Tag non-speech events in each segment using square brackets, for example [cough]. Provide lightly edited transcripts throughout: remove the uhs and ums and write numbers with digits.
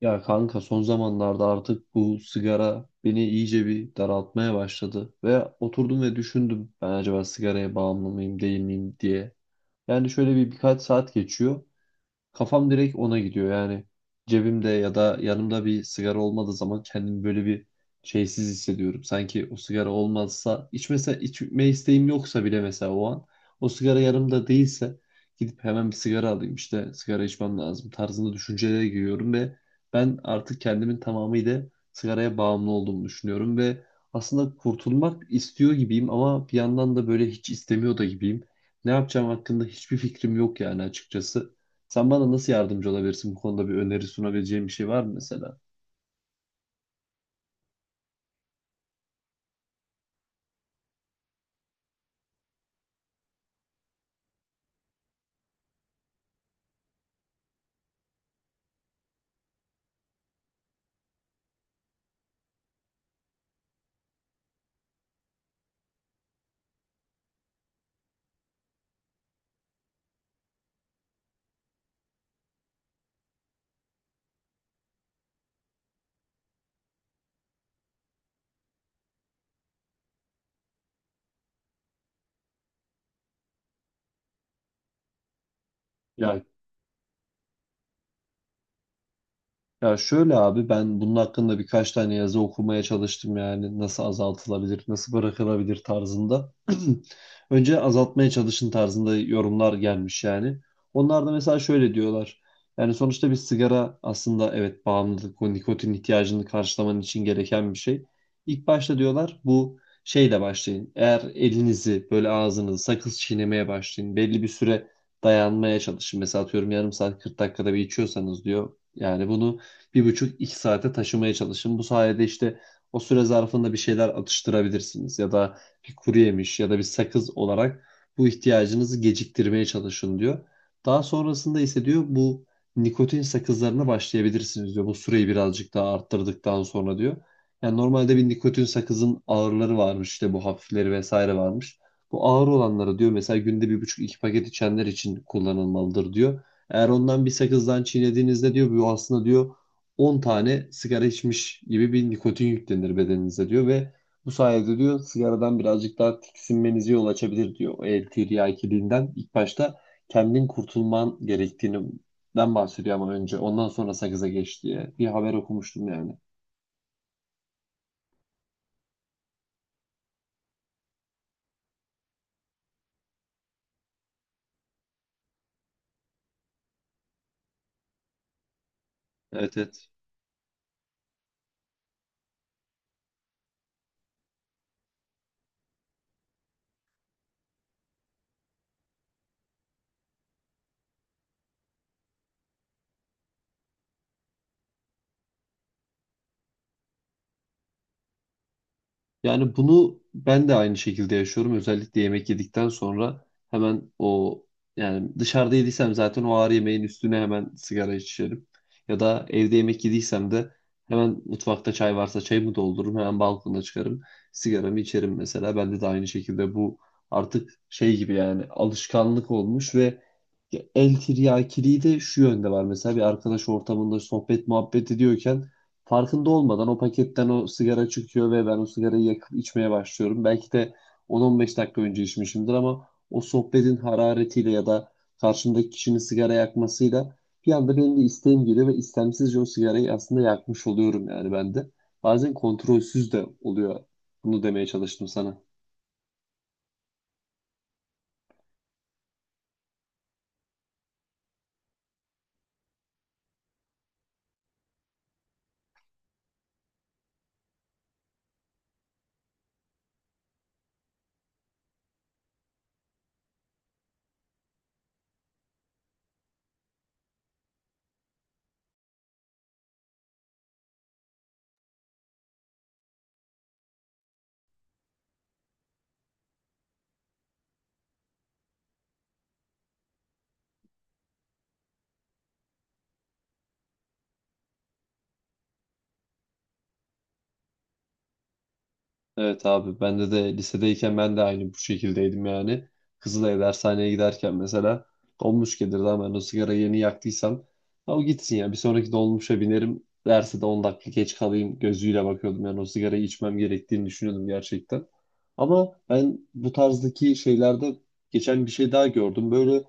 Ya kanka son zamanlarda artık bu sigara beni iyice bir daraltmaya başladı ve oturdum ve düşündüm ben acaba sigaraya bağımlı mıyım değil miyim diye. Yani şöyle birkaç saat geçiyor. Kafam direkt ona gidiyor yani. Cebimde ya da yanımda bir sigara olmadığı zaman kendimi böyle bir şeysiz hissediyorum. Sanki o sigara olmazsa, içmese, içme isteğim yoksa bile mesela o an o sigara yanımda değilse gidip hemen bir sigara alayım, işte sigara içmem lazım tarzında düşüncelere giriyorum ve ben artık kendimin tamamıyla sigaraya bağımlı olduğumu düşünüyorum ve aslında kurtulmak istiyor gibiyim ama bir yandan da böyle hiç istemiyor da gibiyim. Ne yapacağım hakkında hiçbir fikrim yok yani açıkçası. Sen bana nasıl yardımcı olabilirsin, bu konuda bir öneri sunabileceğin bir şey var mı mesela? Ya Ya şöyle abi, ben bunun hakkında birkaç tane yazı okumaya çalıştım, yani nasıl azaltılabilir, nasıl bırakılabilir tarzında. [clears throat] Önce azaltmaya çalışın tarzında yorumlar gelmiş yani. Onlar da mesela şöyle diyorlar. Yani sonuçta bir sigara aslında evet bağımlılık, o nikotin ihtiyacını karşılaman için gereken bir şey. İlk başta diyorlar bu şeyle başlayın. Eğer elinizi böyle, ağzınızı sakız çiğnemeye başlayın. Belli bir süre dayanmaya çalışın. Mesela atıyorum yarım saat 40 dakikada bir içiyorsanız diyor. Yani bunu 1,5-2 saate taşımaya çalışın. Bu sayede işte o süre zarfında bir şeyler atıştırabilirsiniz ya da bir kuru yemiş ya da bir sakız olarak bu ihtiyacınızı geciktirmeye çalışın diyor. Daha sonrasında ise diyor bu nikotin sakızlarına başlayabilirsiniz diyor. Bu süreyi birazcık daha arttırdıktan sonra diyor. Yani normalde bir nikotin sakızın ağırları varmış, işte bu hafifleri vesaire varmış. Bu ağır olanları diyor mesela günde 1,5-2 paket içenler için kullanılmalıdır diyor. Eğer ondan bir sakızdan çiğnediğinizde diyor, bu aslında diyor 10 tane sigara içmiş gibi bir nikotin yüklenir bedeninize diyor ve bu sayede diyor sigaradan birazcık daha tiksinmenizi yol açabilir diyor. O el tiryakiliğinden ilk başta kendin kurtulman gerektiğinden bahsediyor ama önce ondan sonra sakıza geç diye bir haber okumuştum yani. Evet, evet. Yani bunu ben de aynı şekilde yaşıyorum. Özellikle yemek yedikten sonra hemen o, yani dışarıda yediysem zaten o ağır yemeğin üstüne hemen sigara içerim. Ya da evde yemek yediysem de hemen mutfakta çay varsa çayımı doldururum. Hemen balkona çıkarım. Sigaramı içerim mesela. Bende de aynı şekilde bu artık şey gibi, yani alışkanlık olmuş ve el tiryakiliği de şu yönde var. Mesela bir arkadaş ortamında sohbet muhabbet ediyorken farkında olmadan o paketten o sigara çıkıyor ve ben o sigarayı yakıp içmeye başlıyorum. Belki de 10-15 dakika önce içmişimdir ama o sohbetin hararetiyle ya da karşımdaki kişinin sigara yakmasıyla bir anda benim de isteğim geliyor ve istemsizce o sigarayı aslında yakmış oluyorum yani ben de. Bazen kontrolsüz de oluyor. Bunu demeye çalıştım sana. Evet abi, bende de lisedeyken ben de aynı bu şekildeydim yani. Kızılay'a dershaneye giderken mesela dolmuş gelirdi ama ben o sigara yeni yaktıysam, ha o gitsin ya, bir sonraki dolmuşa binerim derse de 10 dakika geç kalayım gözüyle bakıyordum yani, o sigarayı içmem gerektiğini düşünüyordum gerçekten. Ama ben bu tarzdaki şeylerde geçen bir şey daha gördüm. Böyle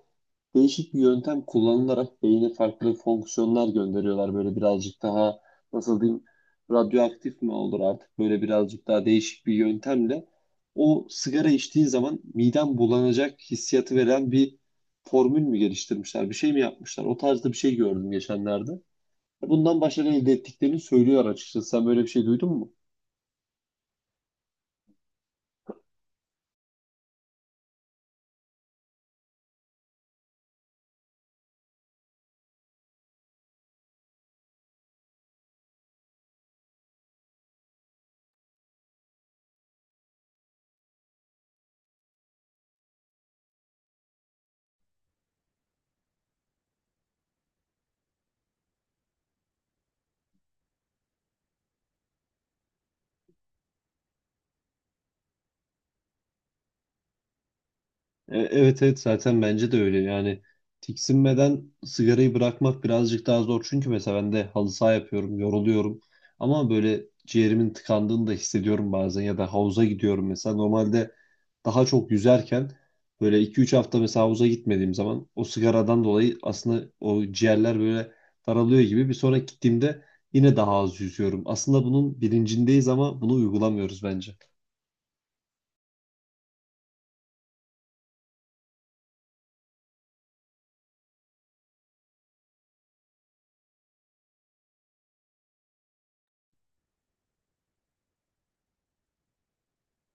değişik bir yöntem kullanılarak beyine farklı fonksiyonlar gönderiyorlar. Böyle birazcık daha nasıl diyeyim, radyoaktif mi olur artık, böyle birazcık daha değişik bir yöntemle o sigara içtiğin zaman miden bulanacak hissiyatı veren bir formül mü geliştirmişler, bir şey mi yapmışlar, o tarzda bir şey gördüm geçenlerde. Bundan başarı elde ettiklerini söylüyor açıkçası. Sen böyle bir şey duydun mu? Evet, evet, zaten bence de öyle yani. Tiksinmeden sigarayı bırakmak birazcık daha zor çünkü mesela ben de halı saha yapıyorum, yoruluyorum ama böyle ciğerimin tıkandığını da hissediyorum bazen, ya da havuza gidiyorum mesela. Normalde daha çok yüzerken böyle 2-3 hafta mesela havuza gitmediğim zaman o sigaradan dolayı aslında o ciğerler böyle daralıyor gibi, bir sonraki gittiğimde yine daha az yüzüyorum. Aslında bunun bilincindeyiz ama bunu uygulamıyoruz bence.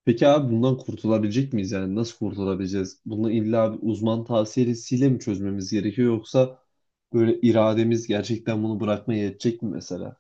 Peki abi, bundan kurtulabilecek miyiz yani? Nasıl kurtulabileceğiz? Bunu illa bir uzman tavsiyesiyle mi çözmemiz gerekiyor, yoksa böyle irademiz gerçekten bunu bırakmaya yetecek mi mesela?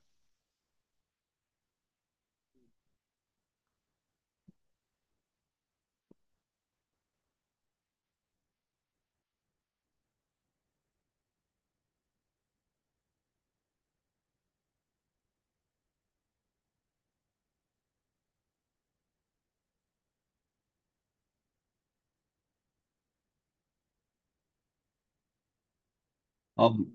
Abi,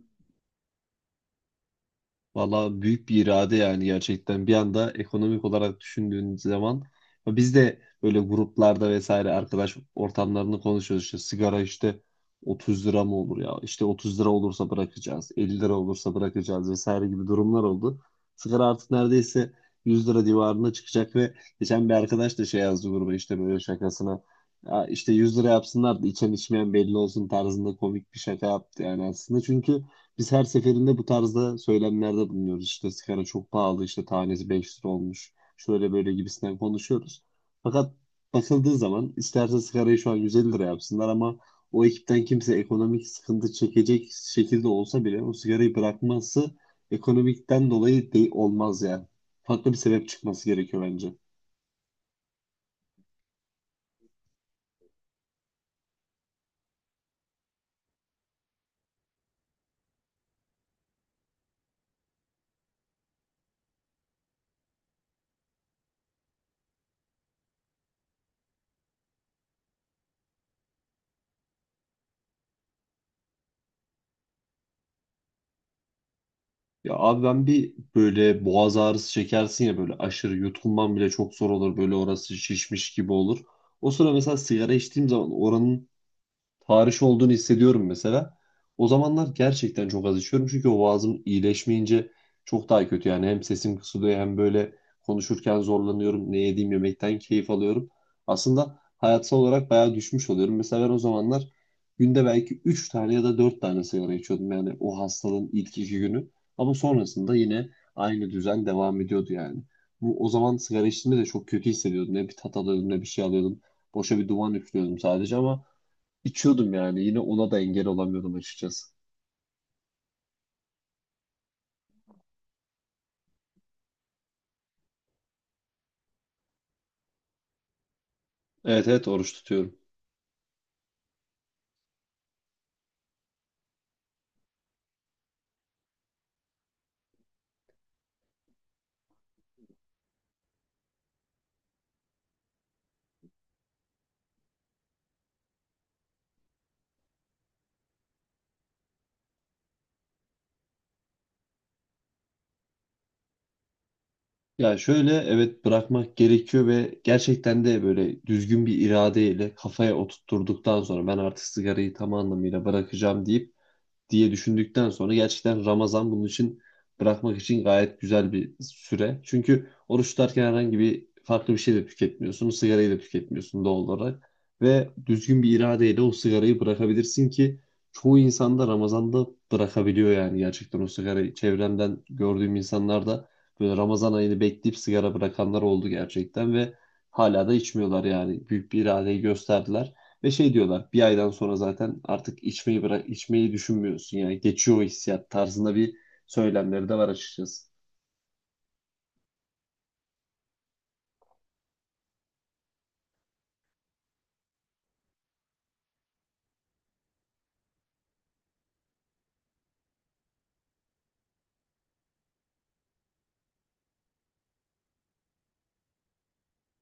valla büyük bir irade yani gerçekten. Bir anda ekonomik olarak düşündüğün zaman, ya biz de böyle gruplarda vesaire arkadaş ortamlarını konuşuyoruz. İşte sigara işte 30 lira mı olur ya? İşte 30 lira olursa bırakacağız, 50 lira olursa bırakacağız vesaire gibi durumlar oldu. Sigara artık neredeyse 100 lira civarına çıkacak ve geçen bir arkadaş da şey yazdı gruba işte, böyle şakasına. Ya işte 100 lira yapsınlar da içen içmeyen belli olsun tarzında komik bir şaka yaptı yani aslında. Çünkü biz her seferinde bu tarzda söylemlerde bulunuyoruz. İşte sigara çok pahalı, işte tanesi 5 lira olmuş, şöyle böyle gibisinden konuşuyoruz. Fakat bakıldığı zaman isterse sigarayı şu an 150 lira yapsınlar ama o ekipten kimse ekonomik sıkıntı çekecek şekilde olsa bile o sigarayı bırakması ekonomikten dolayı değil, olmaz yani. Farklı bir sebep çıkması gerekiyor bence. Ya abi, ben bir böyle boğaz ağrısı çekersin ya, böyle aşırı yutkunman bile çok zor olur, böyle orası şişmiş gibi olur. O sıra mesela sigara içtiğim zaman oranın tarih olduğunu hissediyorum mesela. O zamanlar gerçekten çok az içiyorum çünkü o boğazım iyileşmeyince çok daha kötü, yani hem sesim kısılıyor hem böyle konuşurken zorlanıyorum. Ne yediğim yemekten keyif alıyorum. Aslında hayatsal olarak bayağı düşmüş oluyorum. Mesela ben o zamanlar günde belki 3 tane ya da 4 tane sigara içiyordum yani, o hastalığın ilk 2 günü. Ama sonrasında yine aynı düzen devam ediyordu yani. Bu, o zaman sigara içtiğimde de çok kötü hissediyordum. Ne bir tat alıyordum ne bir şey alıyordum. Boşa bir duman üflüyordum sadece ama İçiyordum yani. Yine ona da engel olamıyordum açıkçası. Evet, evet, oruç tutuyorum. Ya şöyle, evet bırakmak gerekiyor ve gerçekten de böyle düzgün bir iradeyle kafaya oturtturduktan sonra, ben artık sigarayı tam anlamıyla bırakacağım deyip diye düşündükten sonra, gerçekten Ramazan bunun için, bırakmak için gayet güzel bir süre. Çünkü oruç tutarken herhangi bir farklı bir şey de tüketmiyorsun. Sigarayı da tüketmiyorsun doğal olarak. Ve düzgün bir iradeyle o sigarayı bırakabilirsin ki çoğu insan da Ramazan'da bırakabiliyor yani gerçekten o sigarayı. Çevremden gördüğüm insanlar da böyle Ramazan ayını bekleyip sigara bırakanlar oldu gerçekten ve hala da içmiyorlar yani. Büyük bir iradeyi gösterdiler. Ve şey diyorlar, bir aydan sonra zaten artık içmeyi bırak, içmeyi düşünmüyorsun yani, geçiyor o hissiyat tarzında bir söylemleri de var açıkçası.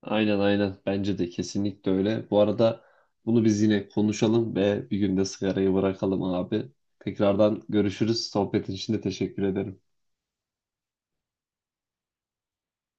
Aynen, aynen, bence de kesinlikle öyle. Bu arada bunu biz yine konuşalım ve bir gün de sigarayı bırakalım abi. Tekrardan görüşürüz. Sohbetin için de teşekkür ederim.